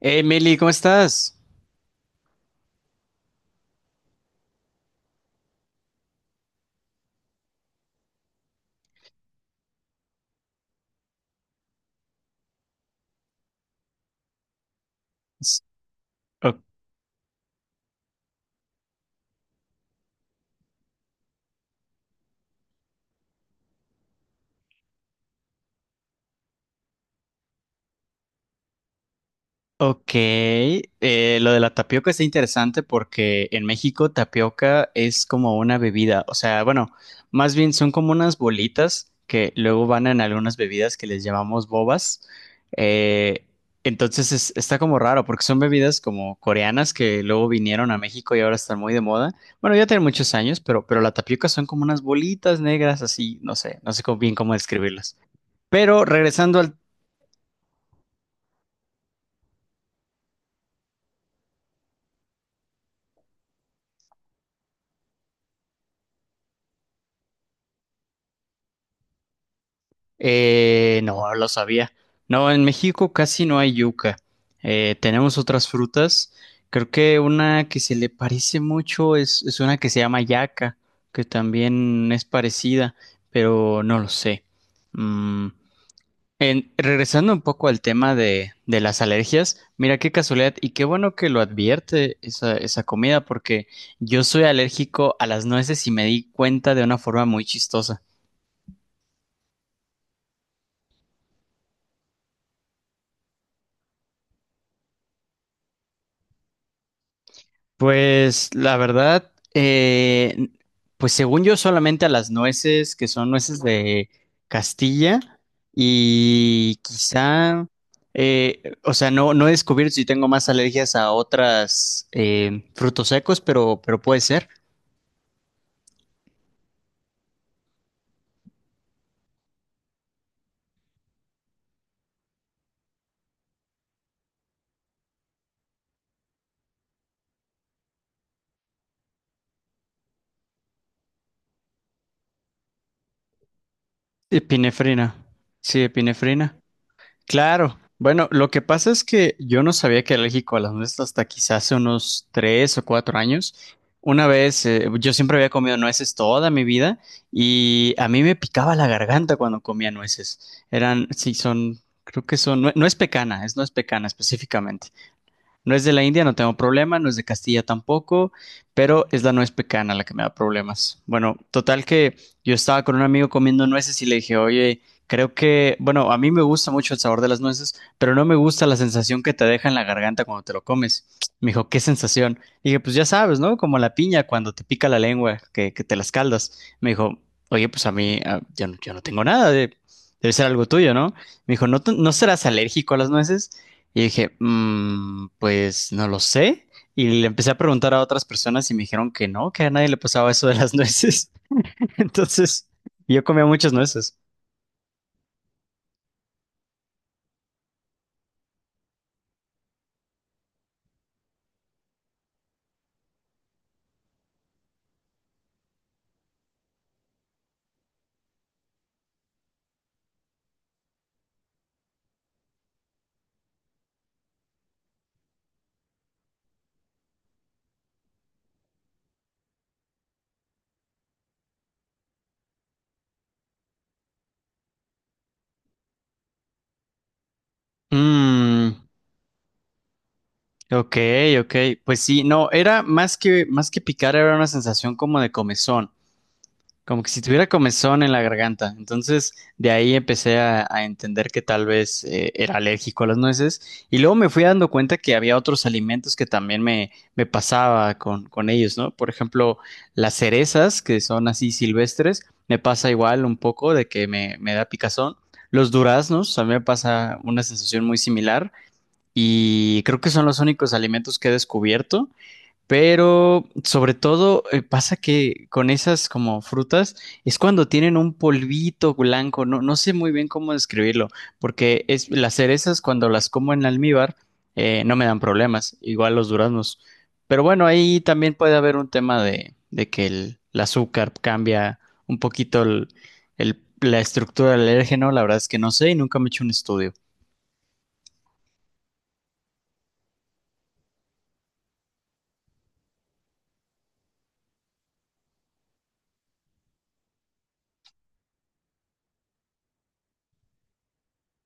Hey, Meli, ¿cómo estás? S- o- ok, lo de la tapioca está interesante porque en México tapioca es como una bebida, o sea, bueno, más bien son como unas bolitas que luego van en algunas bebidas que les llamamos bobas. Eh, entonces está como raro porque son bebidas como coreanas que luego vinieron a México y ahora están muy de moda. Bueno, ya tienen muchos años, pero la tapioca son como unas bolitas negras así, no sé, bien cómo describirlas. Pero regresando al... No, lo sabía. No, en México casi no hay yuca. Tenemos otras frutas. Creo que una que se le parece mucho es una que se llama yaca, que también es parecida, pero no lo sé. Mm, Regresando un poco al tema de las alergias, mira qué casualidad y qué bueno que lo advierte esa comida, porque yo soy alérgico a las nueces y me di cuenta de una forma muy chistosa. Pues la verdad, pues según yo solamente a las nueces, que son nueces de Castilla, y quizá, o sea, no he descubierto si tengo más alergias a otras frutos secos, pero puede ser. Epinefrina, sí, epinefrina. Claro. Bueno, lo que pasa es que yo no sabía que era alérgico a las nueces hasta quizás hace unos 3 o 4 años. Una vez, yo siempre había comido nueces toda mi vida y a mí me picaba la garganta cuando comía nueces. Eran, sí, son, creo que son, no, no es pecana, es no es pecana específicamente. No es de la India, no tengo problema, no es de Castilla tampoco, pero es la nuez pecana la que me da problemas. Bueno, total que yo estaba con un amigo comiendo nueces y le dije, oye, creo que, bueno, a mí me gusta mucho el sabor de las nueces, pero no me gusta la sensación que te deja en la garganta cuando te lo comes. Me dijo, ¿qué sensación? Y dije, pues ya sabes, ¿no? Como la piña cuando te pica la lengua, que te las caldas. Me dijo, oye, pues a mí, ah, yo, yo no tengo nada de... Debe ser algo tuyo, ¿no? Me dijo, ¿no, no serás alérgico a las nueces? Y dije, "Mm, pues no lo sé. Y le empecé a preguntar a otras personas y me dijeron que no, que a nadie le pasaba eso de las nueces. Entonces, yo comía muchas nueces. Mm, ok, ok. Pues sí, no, era más que picar, era una sensación como de comezón. Como que si tuviera comezón en la garganta. Entonces, de ahí empecé a entender que tal vez era alérgico a las nueces. Y luego me fui dando cuenta que había otros alimentos que también me pasaba con ellos, ¿no? Por ejemplo, las cerezas, que son así silvestres, me pasa igual un poco de que me da picazón. Los duraznos, a mí me pasa una sensación muy similar. Y creo que son los únicos alimentos que he descubierto. Pero sobre todo pasa que con esas como frutas es cuando tienen un polvito blanco, no, no sé muy bien cómo describirlo, porque es, las cerezas cuando las como en almíbar no me dan problemas, igual los duraznos. Pero bueno, ahí también puede haber un tema de que el azúcar cambia un poquito la estructura del alérgeno, la verdad es que no sé y nunca me he hecho un estudio.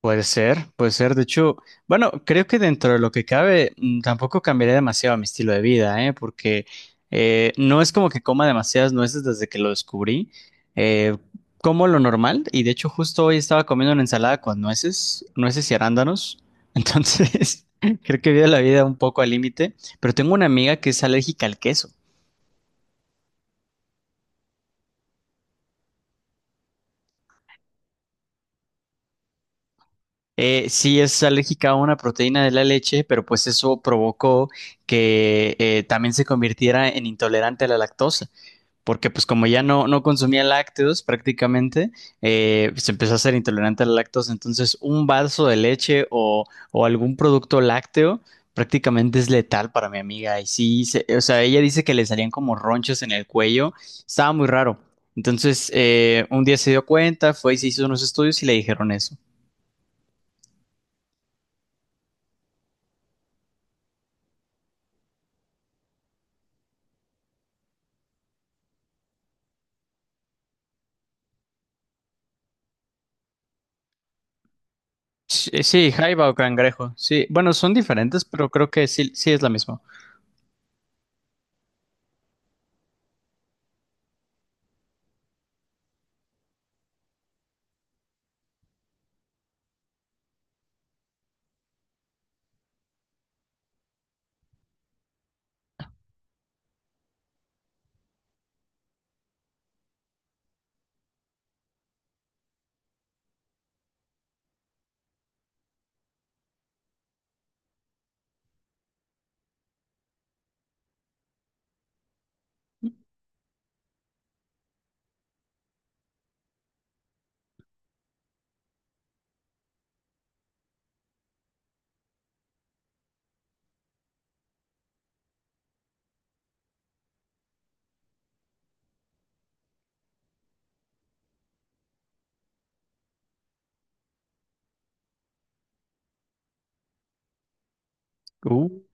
Puede ser, puede ser. De hecho, bueno, creo que dentro de lo que cabe, tampoco cambiaría demasiado mi estilo de vida, ¿eh? Porque no es como que coma demasiadas nueces desde que lo descubrí. Eh, Como lo normal, y de hecho, justo hoy estaba comiendo una ensalada con nueces y arándanos. Entonces, creo que vivo la vida un poco al límite. Pero tengo una amiga que es alérgica al queso. Sí, es alérgica a una proteína de la leche, pero pues eso provocó que también se convirtiera en intolerante a la lactosa, porque pues como ya no consumía lácteos prácticamente, se empezó a ser intolerante a la lactosa. Entonces, un vaso de leche o algún producto lácteo prácticamente es letal para mi amiga. Y sí, o sea, ella dice que le salían como ronchas en el cuello, estaba muy raro. Entonces, un día se dio cuenta, fue y se hizo unos estudios y le dijeron eso. Sí, sí, jaiba o cangrejo. Sí, bueno, son diferentes, pero creo que sí, sí es la misma.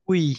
Uy.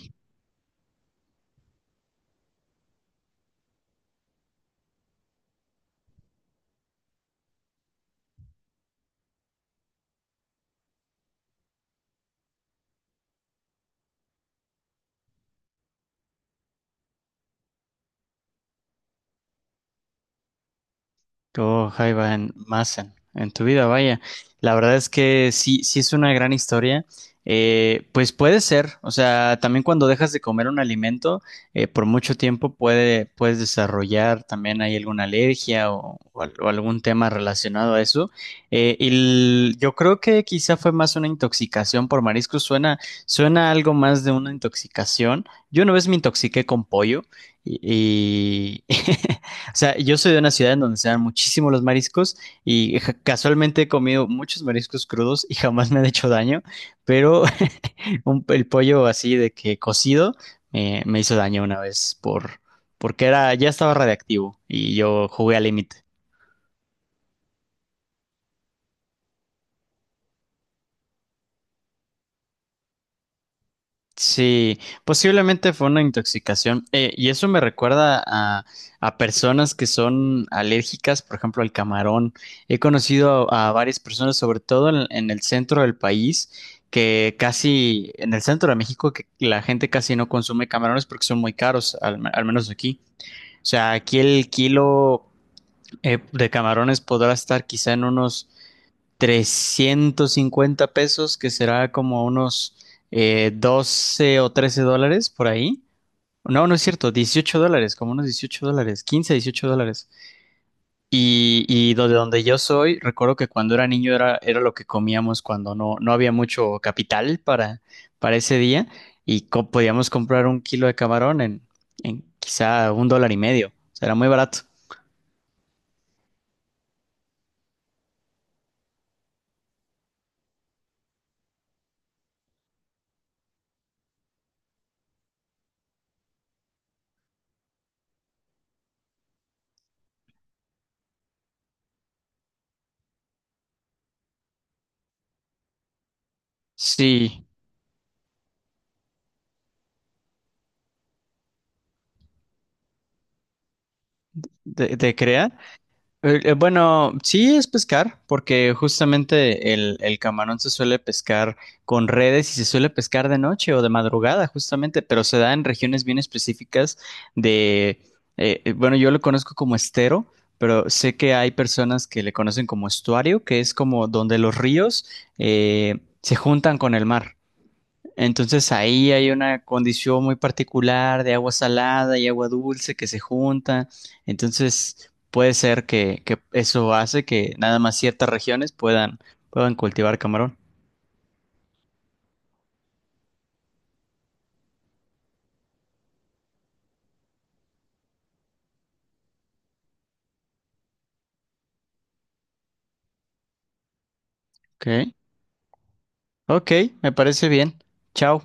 Oh, jaiba en Massen, en tu vida, vaya. La verdad es que sí, sí es una gran historia. Pues puede ser, o sea, también cuando dejas de comer un alimento por mucho tiempo puedes desarrollar también hay alguna alergia o algún tema relacionado a eso. Yo creo que quizá fue más una intoxicación por mariscos, suena algo más de una intoxicación. Yo una vez me intoxiqué con pollo y O sea, yo soy de una ciudad en donde se dan muchísimo los mariscos y casualmente he comido muchos mariscos crudos y jamás me han hecho daño, pero el pollo así de que cocido me hizo daño una vez porque era ya estaba radiactivo y yo jugué al límite. Sí, posiblemente fue una intoxicación. Y eso me recuerda a personas que son alérgicas, por ejemplo, al camarón. He conocido a varias personas, sobre todo en el centro del país, que casi, en el centro de México, que la gente casi no consume camarones porque son muy caros, al menos aquí. O sea, aquí el kilo de camarones podrá estar quizá en unos 350 pesos, que será como unos 12 o 13 dólares por ahí. No, no es cierto, 18 dólares, como unos 18 dólares, 15, 18 dólares. Y de donde yo soy, recuerdo que cuando era niño era lo que comíamos cuando no había mucho capital para ese día y podíamos comprar un kilo de camarón en quizá un dólar y medio. O sea, era muy barato. Sí, te creas? Bueno, sí es pescar, porque justamente el camarón se suele pescar con redes y se suele pescar de noche o de madrugada, justamente, pero se da en regiones bien específicas de, bueno, yo lo conozco como estero, pero sé que hay personas que le conocen como estuario, que es como donde los ríos se juntan con el mar. Entonces ahí hay una condición muy particular de agua salada y agua dulce que se juntan. Entonces puede ser que eso hace que nada más ciertas regiones puedan, puedan cultivar camarón. Ok, ok, me parece bien. Chao.